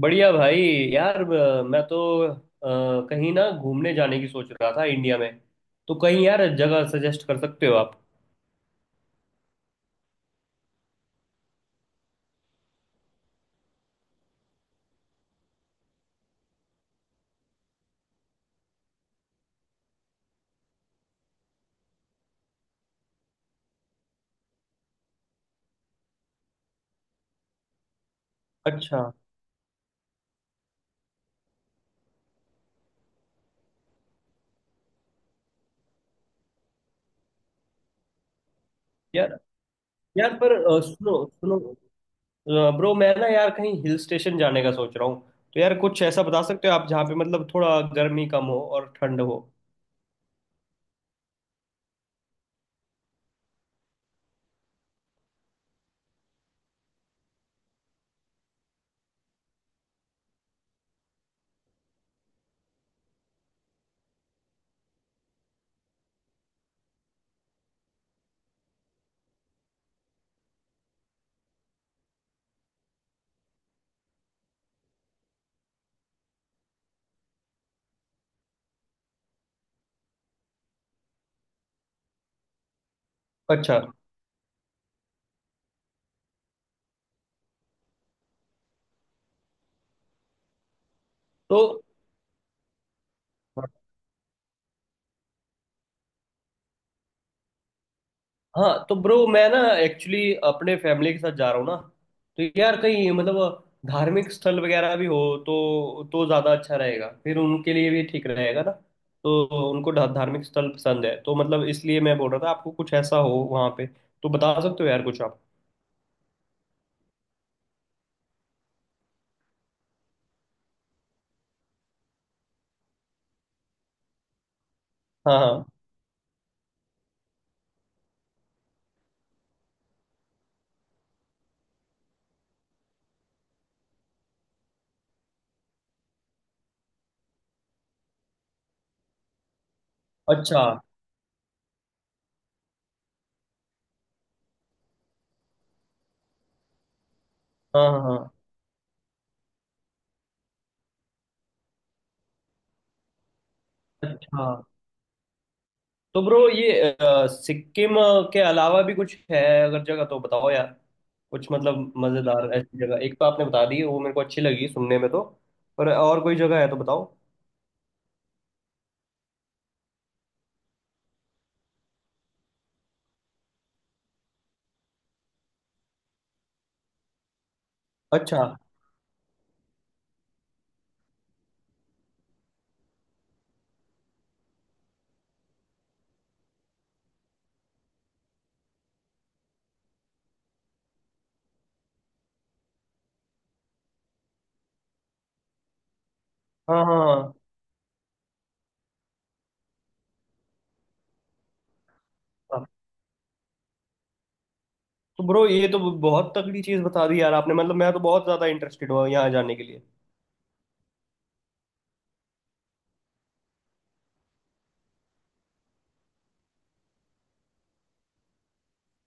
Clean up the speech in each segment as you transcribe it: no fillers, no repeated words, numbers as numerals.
बढ़िया भाई। यार मैं तो अ, कहीं ना घूमने जाने की सोच रहा था इंडिया में। तो कहीं यार जगह सजेस्ट कर सकते हो आप। अच्छा। यार, यार पर सुनो सुनो, ब्रो मैं ना यार कहीं हिल स्टेशन जाने का सोच रहा हूँ। तो यार कुछ ऐसा बता सकते हो आप जहाँ पे मतलब थोड़ा गर्मी कम हो और ठंड हो। अच्छा। तो हाँ, तो ब्रो मैं ना एक्चुअली अपने फैमिली के साथ जा रहा हूँ ना। तो यार कहीं मतलब धार्मिक स्थल वगैरह भी हो, तो ज़्यादा अच्छा रहेगा। फिर उनके लिए भी ठीक रहेगा ना, तो उनको धार्मिक स्थल पसंद है, तो मतलब इसलिए मैं बोल रहा था आपको कुछ ऐसा हो वहाँ पे। तो बता सकते हो यार कुछ आप। हाँ हाँ। अच्छा। हाँ हाँ हाँ। अच्छा। तो ब्रो ये सिक्किम के अलावा भी कुछ है अगर जगह, तो बताओ यार। कुछ मतलब मजेदार ऐसी जगह, एक तो आपने बता दी वो मेरे को अच्छी लगी सुनने में, तो पर और कोई जगह है तो बताओ। अच्छा। हाँ हाँ हाँ हाँ। तो ब्रो ये तो बहुत तगड़ी चीज बता दी यार आपने, मतलब मैं तो बहुत ज्यादा इंटरेस्टेड हुआ यहाँ जाने के लिए।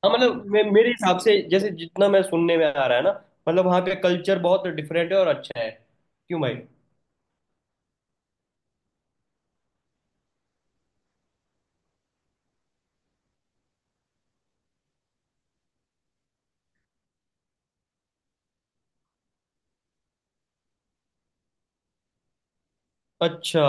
हाँ, मतलब मेरे हिसाब से जैसे जितना मैं सुनने में आ रहा है ना, मतलब वहाँ पे कल्चर बहुत डिफरेंट है और अच्छा है। क्यों भाई। अच्छा।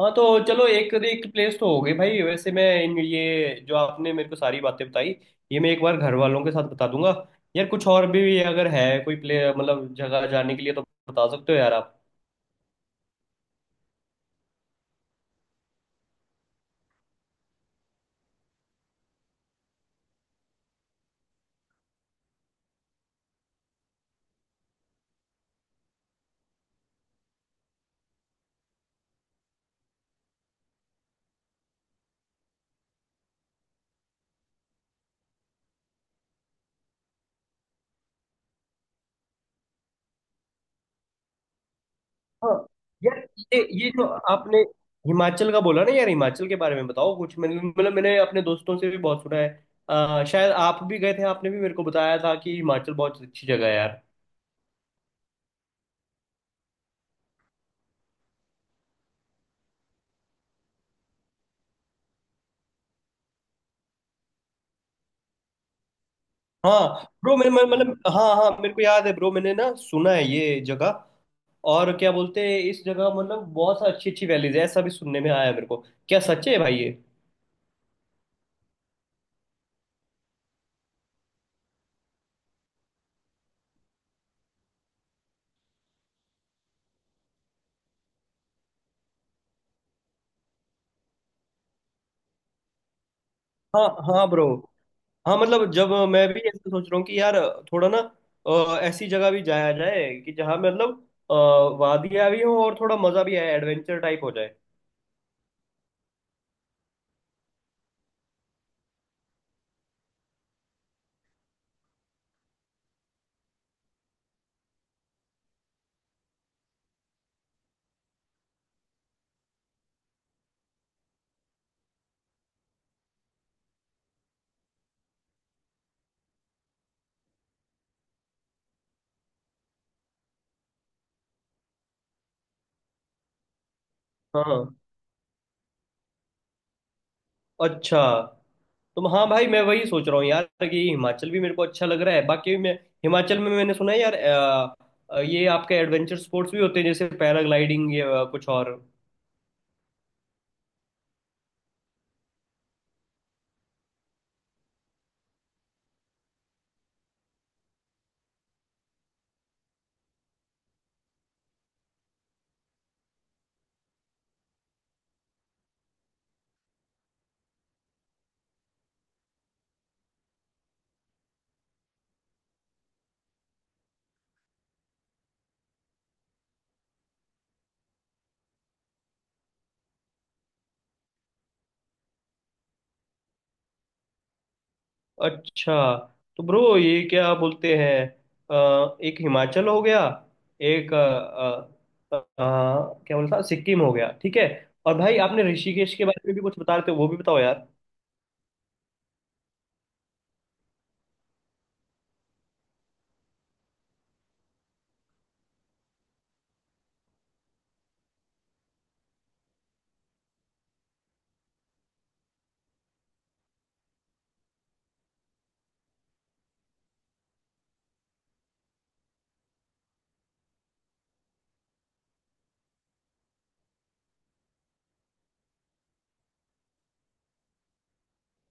हाँ तो चलो एक एक प्लेस तो हो गई भाई। वैसे मैं इन ये जो आपने मेरे को सारी बातें बताई, ये मैं एक बार घर वालों के साथ बता दूंगा। यार कुछ और भी अगर है कोई प्ले मतलब जगह जाने के लिए, तो बता सकते हो यार आप। हाँ, यार ये जो आपने हिमाचल का बोला ना यार, हिमाचल के बारे में बताओ कुछ। मैंने मतलब मैंने अपने दोस्तों से भी बहुत सुना है। शायद आप भी गए थे, आपने भी मेरे को बताया था कि हिमाचल बहुत अच्छी जगह है यार। हाँ ब्रो, मतलब हाँ हाँ, मेरे को याद है ब्रो, मैंने ना सुना है ये जगह। और क्या बोलते हैं इस जगह, मतलब बहुत सा अच्छी अच्छी वैलीज है ऐसा भी सुनने में आया मेरे को। क्या सच है भाई ये। हाँ हाँ ब्रो। हाँ मतलब जब मैं भी ऐसा सोच रहा हूँ कि यार थोड़ा ना ऐसी जगह भी जाया जाए कि जहाँ मतलब अ, वादियाँ भी हो और थोड़ा मजा भी आए, एडवेंचर टाइप हो जाए। हाँ। अच्छा। तो हाँ भाई मैं वही सोच रहा हूँ यार कि हिमाचल भी मेरे को अच्छा लग रहा है। बाकी मैं हिमाचल में मैंने सुना है यार, ये आपके एडवेंचर स्पोर्ट्स भी होते हैं जैसे पैराग्लाइडिंग या कुछ और। अच्छा। तो ब्रो ये क्या बोलते हैं, एक हिमाचल हो गया, एक क्या बोलता, सिक्किम हो गया, ठीक है। और भाई आपने ऋषिकेश के बारे में भी कुछ बता रहे थे, वो भी बताओ यार।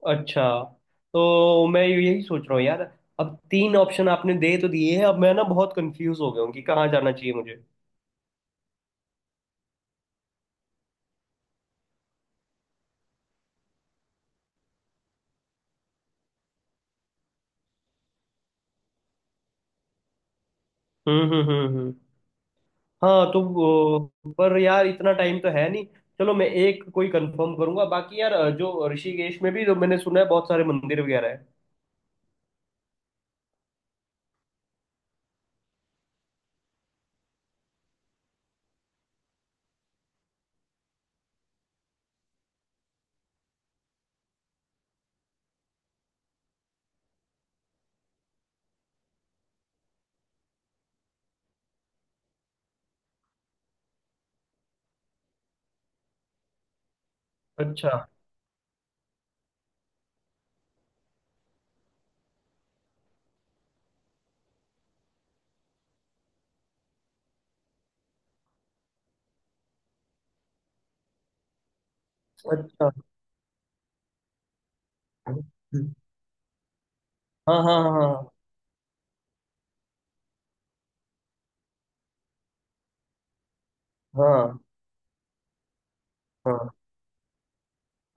अच्छा। तो मैं यही सोच रहा हूँ यार, अब तीन ऑप्शन आपने दे तो दिए हैं, अब मैं ना बहुत कंफ्यूज हो गया हूँ कि कहाँ जाना चाहिए मुझे। हम्म। हाँ तो पर यार इतना टाइम तो है नहीं। चलो मैं एक कोई कंफर्म करूंगा। बाकी यार जो ऋषिकेश में भी जो मैंने सुना है बहुत सारे मंदिर वगैरह है। अच्छा। अच्छा। हाँ हाँ हाँ हाँ हाँ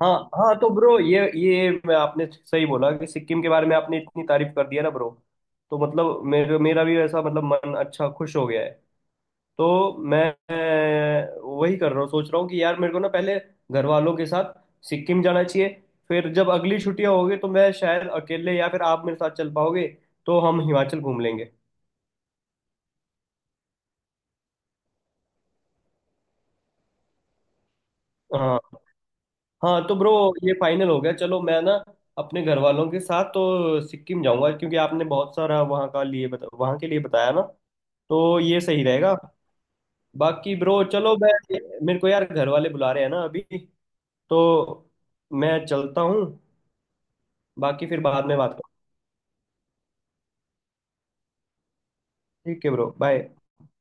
हाँ। हाँ तो ब्रो ये मैं आपने सही बोला कि सिक्किम के बारे में आपने इतनी तारीफ कर दी है ना ब्रो, तो मतलब मेरा मेरा भी ऐसा मतलब मन अच्छा खुश हो गया है। तो मैं वही कर रहा हूँ सोच रहा हूँ कि यार मेरे को ना पहले घर वालों के साथ सिक्किम जाना चाहिए। फिर जब अगली छुट्टियां होगी, तो मैं शायद अकेले या फिर आप मेरे साथ चल पाओगे, तो हम हिमाचल घूम लेंगे। हाँ हाँ तो ब्रो ये फाइनल हो गया। चलो मैं ना अपने घर वालों के साथ तो सिक्किम जाऊंगा क्योंकि आपने बहुत सारा वहाँ के लिए बताया ना, तो ये सही रहेगा। बाकी ब्रो चलो मैं, मेरे को यार घर वाले बुला रहे हैं ना अभी, तो मैं चलता हूँ। बाकी फिर बाद में बात। ठीक है ब्रो, बाय।